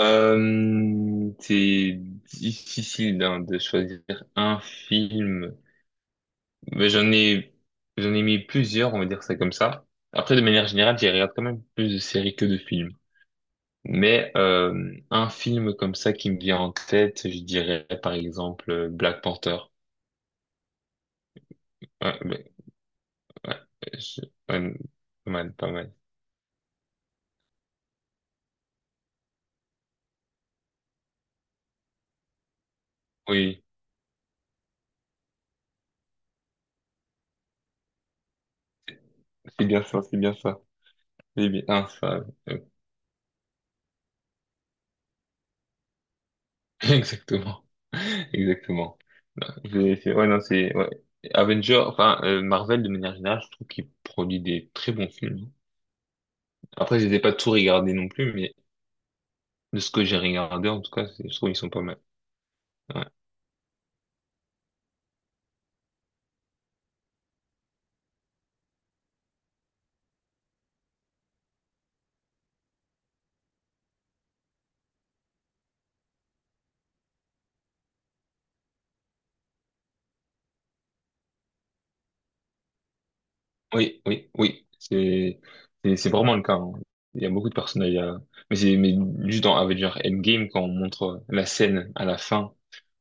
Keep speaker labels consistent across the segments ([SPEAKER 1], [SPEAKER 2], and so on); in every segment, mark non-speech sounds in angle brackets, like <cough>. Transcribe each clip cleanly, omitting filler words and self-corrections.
[SPEAKER 1] C'est difficile hein, de choisir un film. Mais j'en ai mis plusieurs, on va dire ça comme ça. Après, de manière générale, j'y regarde quand même plus de séries que de films. Mais un film comme ça qui me vient en tête, je dirais par exemple Black Panther. Ouais, mais- ouais, je- ouais, pas mal, pas mal. Oui, c'est bien ça, c'est bien ça. C'est bien ah, ça, euh, <laughs> exactement. Exactement. Ouais, non, c'est, ouais. Avenger, enfin, Marvel, de manière générale, je trouve qu'il produit des très bons films. Après, je les ai pas tout regardés non plus, mais de ce que j'ai regardé, en tout cas, je trouve qu'ils sont pas mal. Ouais. Oui, oui, oui. C'est, c'est vraiment le cas. Hein. Il y a beaucoup de personnages. Mais c'est, mais juste dans Avenger Endgame, quand on montre la scène à la fin,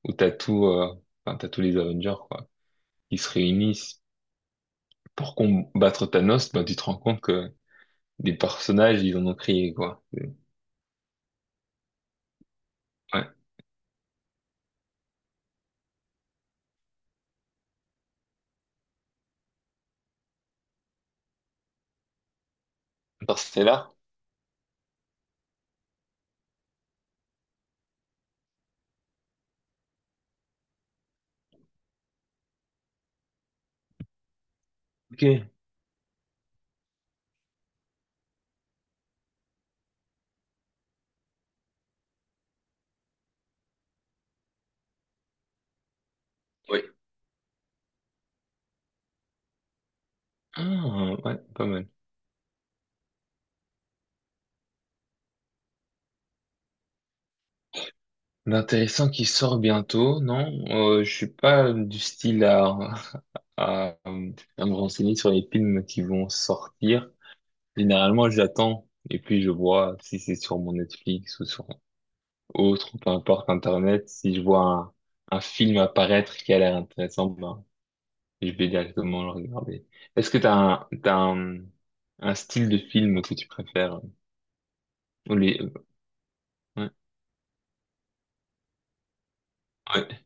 [SPEAKER 1] où t'as tout, enfin, t'as tous les Avengers, quoi, qui se réunissent pour combattre Thanos, ben, tu te rends compte que des personnages, ils en ont créé, quoi. Ouais. Par là. Ok. Oui. Ah, ouais, pas mal. L'intéressant qui sort bientôt, non? Je suis pas du style à, <laughs> à me renseigner sur les films qui vont sortir. Généralement, j'attends et puis je vois si c'est sur mon Netflix ou sur autre, peu importe Internet. Si je vois un film apparaître qui a l'air intéressant, ben, je vais directement le regarder. Est-ce que t'as un style de film que tu préfères? Ou les... Ouais, ouais,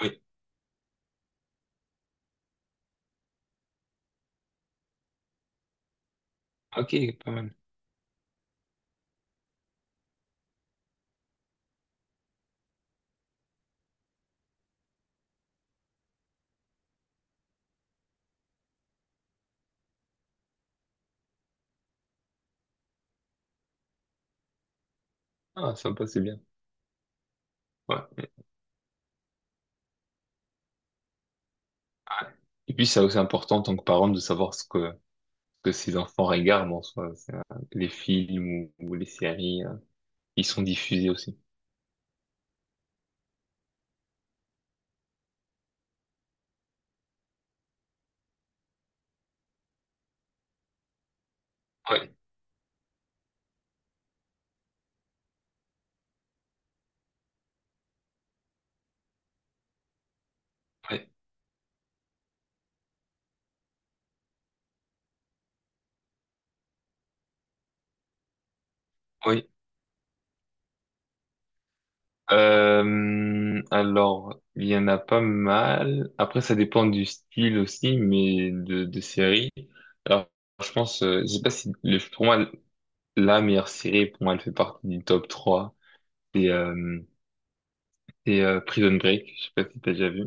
[SPEAKER 1] oui. Ok, pas mal. Ah, sympa, c'est bien. Ouais. Ouais. Et puis, c'est aussi important en tant que parent de savoir ce que ses enfants regardent en soi. C'est, les films ou les séries, ils sont diffusés aussi. Ouais, ouais, oui. Alors, il y en a pas mal. Après, ça dépend du style aussi, mais de série. Alors, je pense, je sais pas si, pour moi, la meilleure série, pour moi, elle fait partie du top trois. C'est euh, c'est, Prison Break. Je sais pas si t'as déjà vu.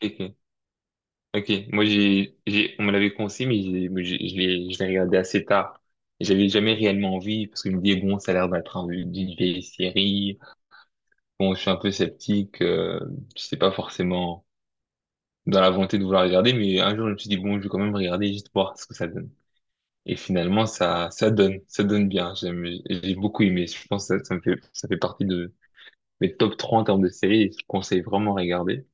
[SPEAKER 1] Ok, ok. Moi, j'ai, on me l'avait conseillé, mais je l'ai regardé assez tard. J'avais jamais réellement envie parce que je me disais, bon, ça a l'air d'être d'une vieille série. Bon, je suis un peu sceptique. Je sais pas forcément dans la volonté de vouloir regarder, mais un jour je me suis dit bon, je vais quand même regarder juste voir ce que ça donne. Et finalement, ça donne bien. J'ai beaucoup aimé. Je pense que ça fait partie de mes top trois en termes de séries. Et je conseille vraiment à regarder.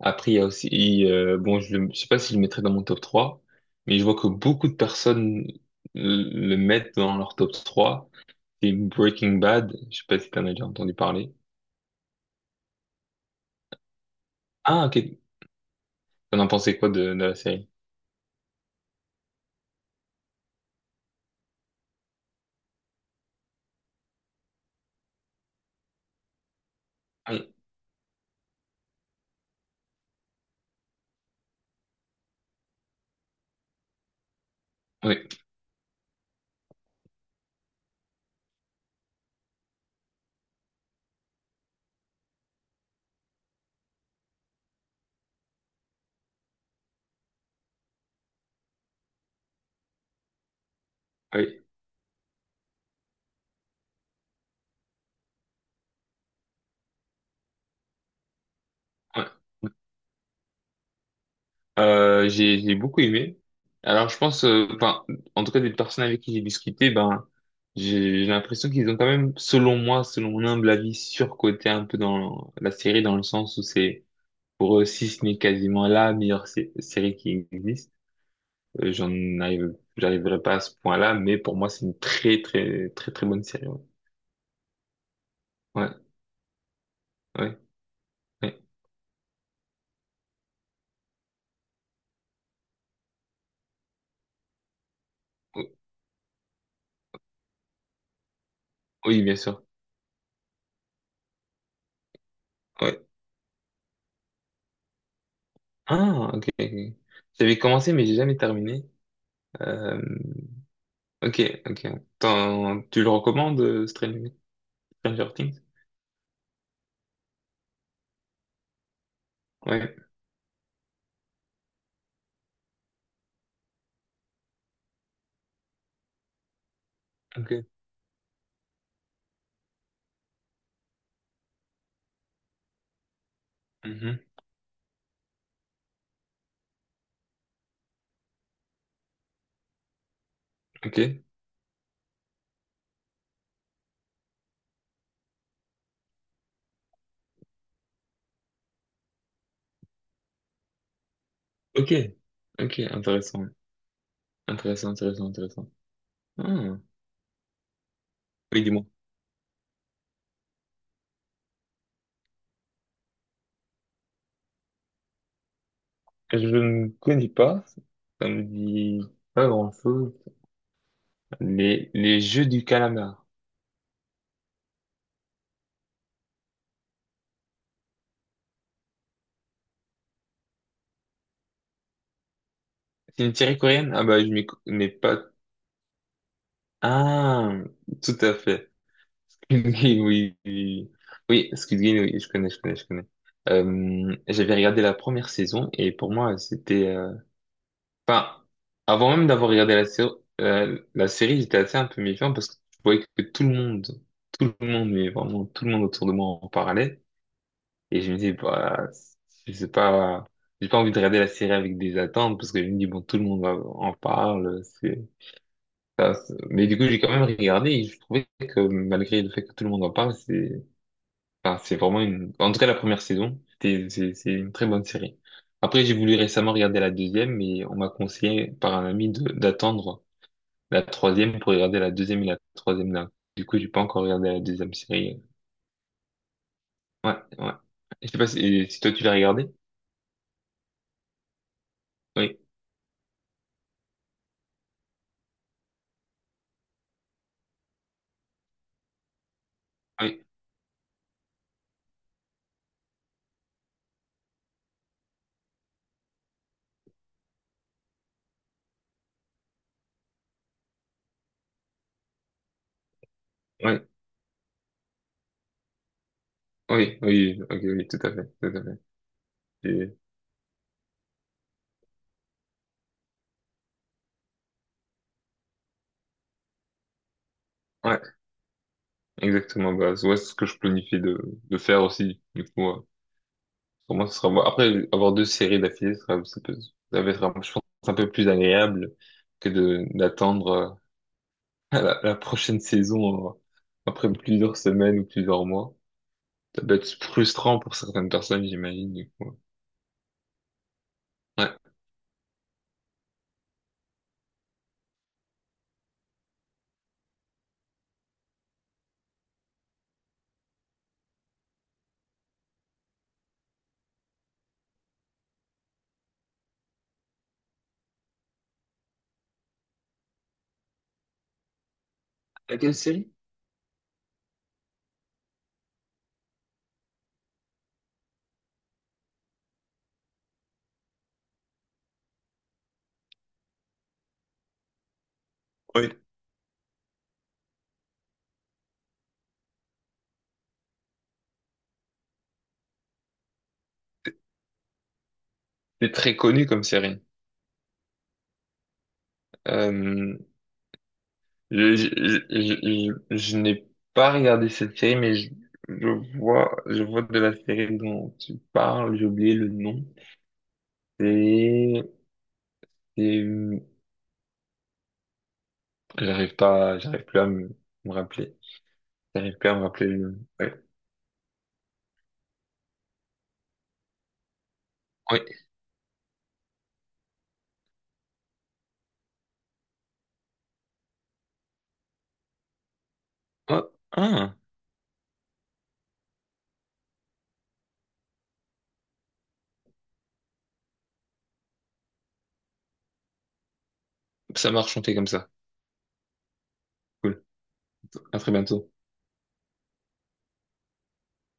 [SPEAKER 1] Après, il y a aussi, bon, je sais pas si je le mettrais dans mon top trois, mais je vois que beaucoup de personnes le mettent dans leur top trois. C'est Breaking Bad. Je sais pas si t'en as déjà entendu parler. Ah, ok. T'en as pensé quoi de la série? Ah, oui, oui, oui. Ouais. J'ai beaucoup aimé. Alors je pense, enfin, en tout cas des personnes avec qui j'ai discuté, ben j'ai l'impression qu'ils ont quand même, selon moi, selon mon humble avis, surcoté un peu dans la série dans le sens où c'est pour eux si ce n'est quasiment la meilleure série qui existe. Euh, j'en j'arriverai pas à ce point-là, mais pour moi c'est une très très très très bonne série. Ouais, ouais, ouais. Ouais. O- Oui, bien sûr. Ouais. Ah, ok. Ok. J'avais commencé mais j'ai jamais terminé. Euh, Ok, ok. T'en- tu le recommandes, Stranger Things? Ouais, ok. Mhm, ok, ok, ok, intéressant, intéressant, intéressant, intéressant. Ah, oui, dis-moi. Je ne connais pas, ça me dit pas grand-chose. Les jeux du calamar. C'est une série coréenne? Ah bah, je m'y connais pas. Ah, tout à fait. <laughs> Squid Game, oui, oui. Oui, Squid Game, oui, je connais, je connais, je connais. J'avais regardé la première saison et pour moi, c'était... enfin, avant même d'avoir regardé la série, j'étais assez un peu méfiant parce que je voyais que tout le monde, mais vraiment tout le monde autour de moi en parlait. Et je me dis, bah, je sais pas, j'ai pas envie de regarder la série avec des attentes parce que je me dis, bon, tout le monde va- en parle. C'est- mais du coup, j'ai quand même regardé et je trouvais que malgré le fait que tout le monde en parle, c'est, enfin, c'est vraiment une, en tout cas, la première saison, c'est une très bonne série. Après, j'ai voulu récemment regarder la deuxième, mais on m'a conseillé par un ami d'attendre la troisième pour regarder la deuxième et la troisième là. Du coup, j'ai pas encore regardé la deuxième série. Ouais, ouais. Je sais pas si, si toi tu l'as regardé. Oui, oui, oui, oui, oui, ok, oui, tout à fait, tout à fait. Et- ouais, exactement. Bah, ouais, c'est ce que je planifiais de faire aussi. Du coup, pour moi, ce sera bon. Après, avoir deux séries d'affilée, ce sera, ça peut- ça va être, un- je pense, un peu plus agréable que de d'attendre <laughs> la prochaine saison après plusieurs semaines ou plusieurs mois. Ça doit être frustrant pour certaines personnes, j'imagine, du coup. Ouais. À quelle série? Oui. C'est très connu comme série. Euh, je, je, je, je n'ai pas regardé cette série, mais je vois de la série dont tu parles, j'ai oublié le nom. C'est, c'est, j'arrive pas, j'arrive plus à me rappeler. J'arrive plus à me rappeler le nom. Ouais. Oui. Oh, ah, ça marche, on fait comme ça. Cool. À très bientôt.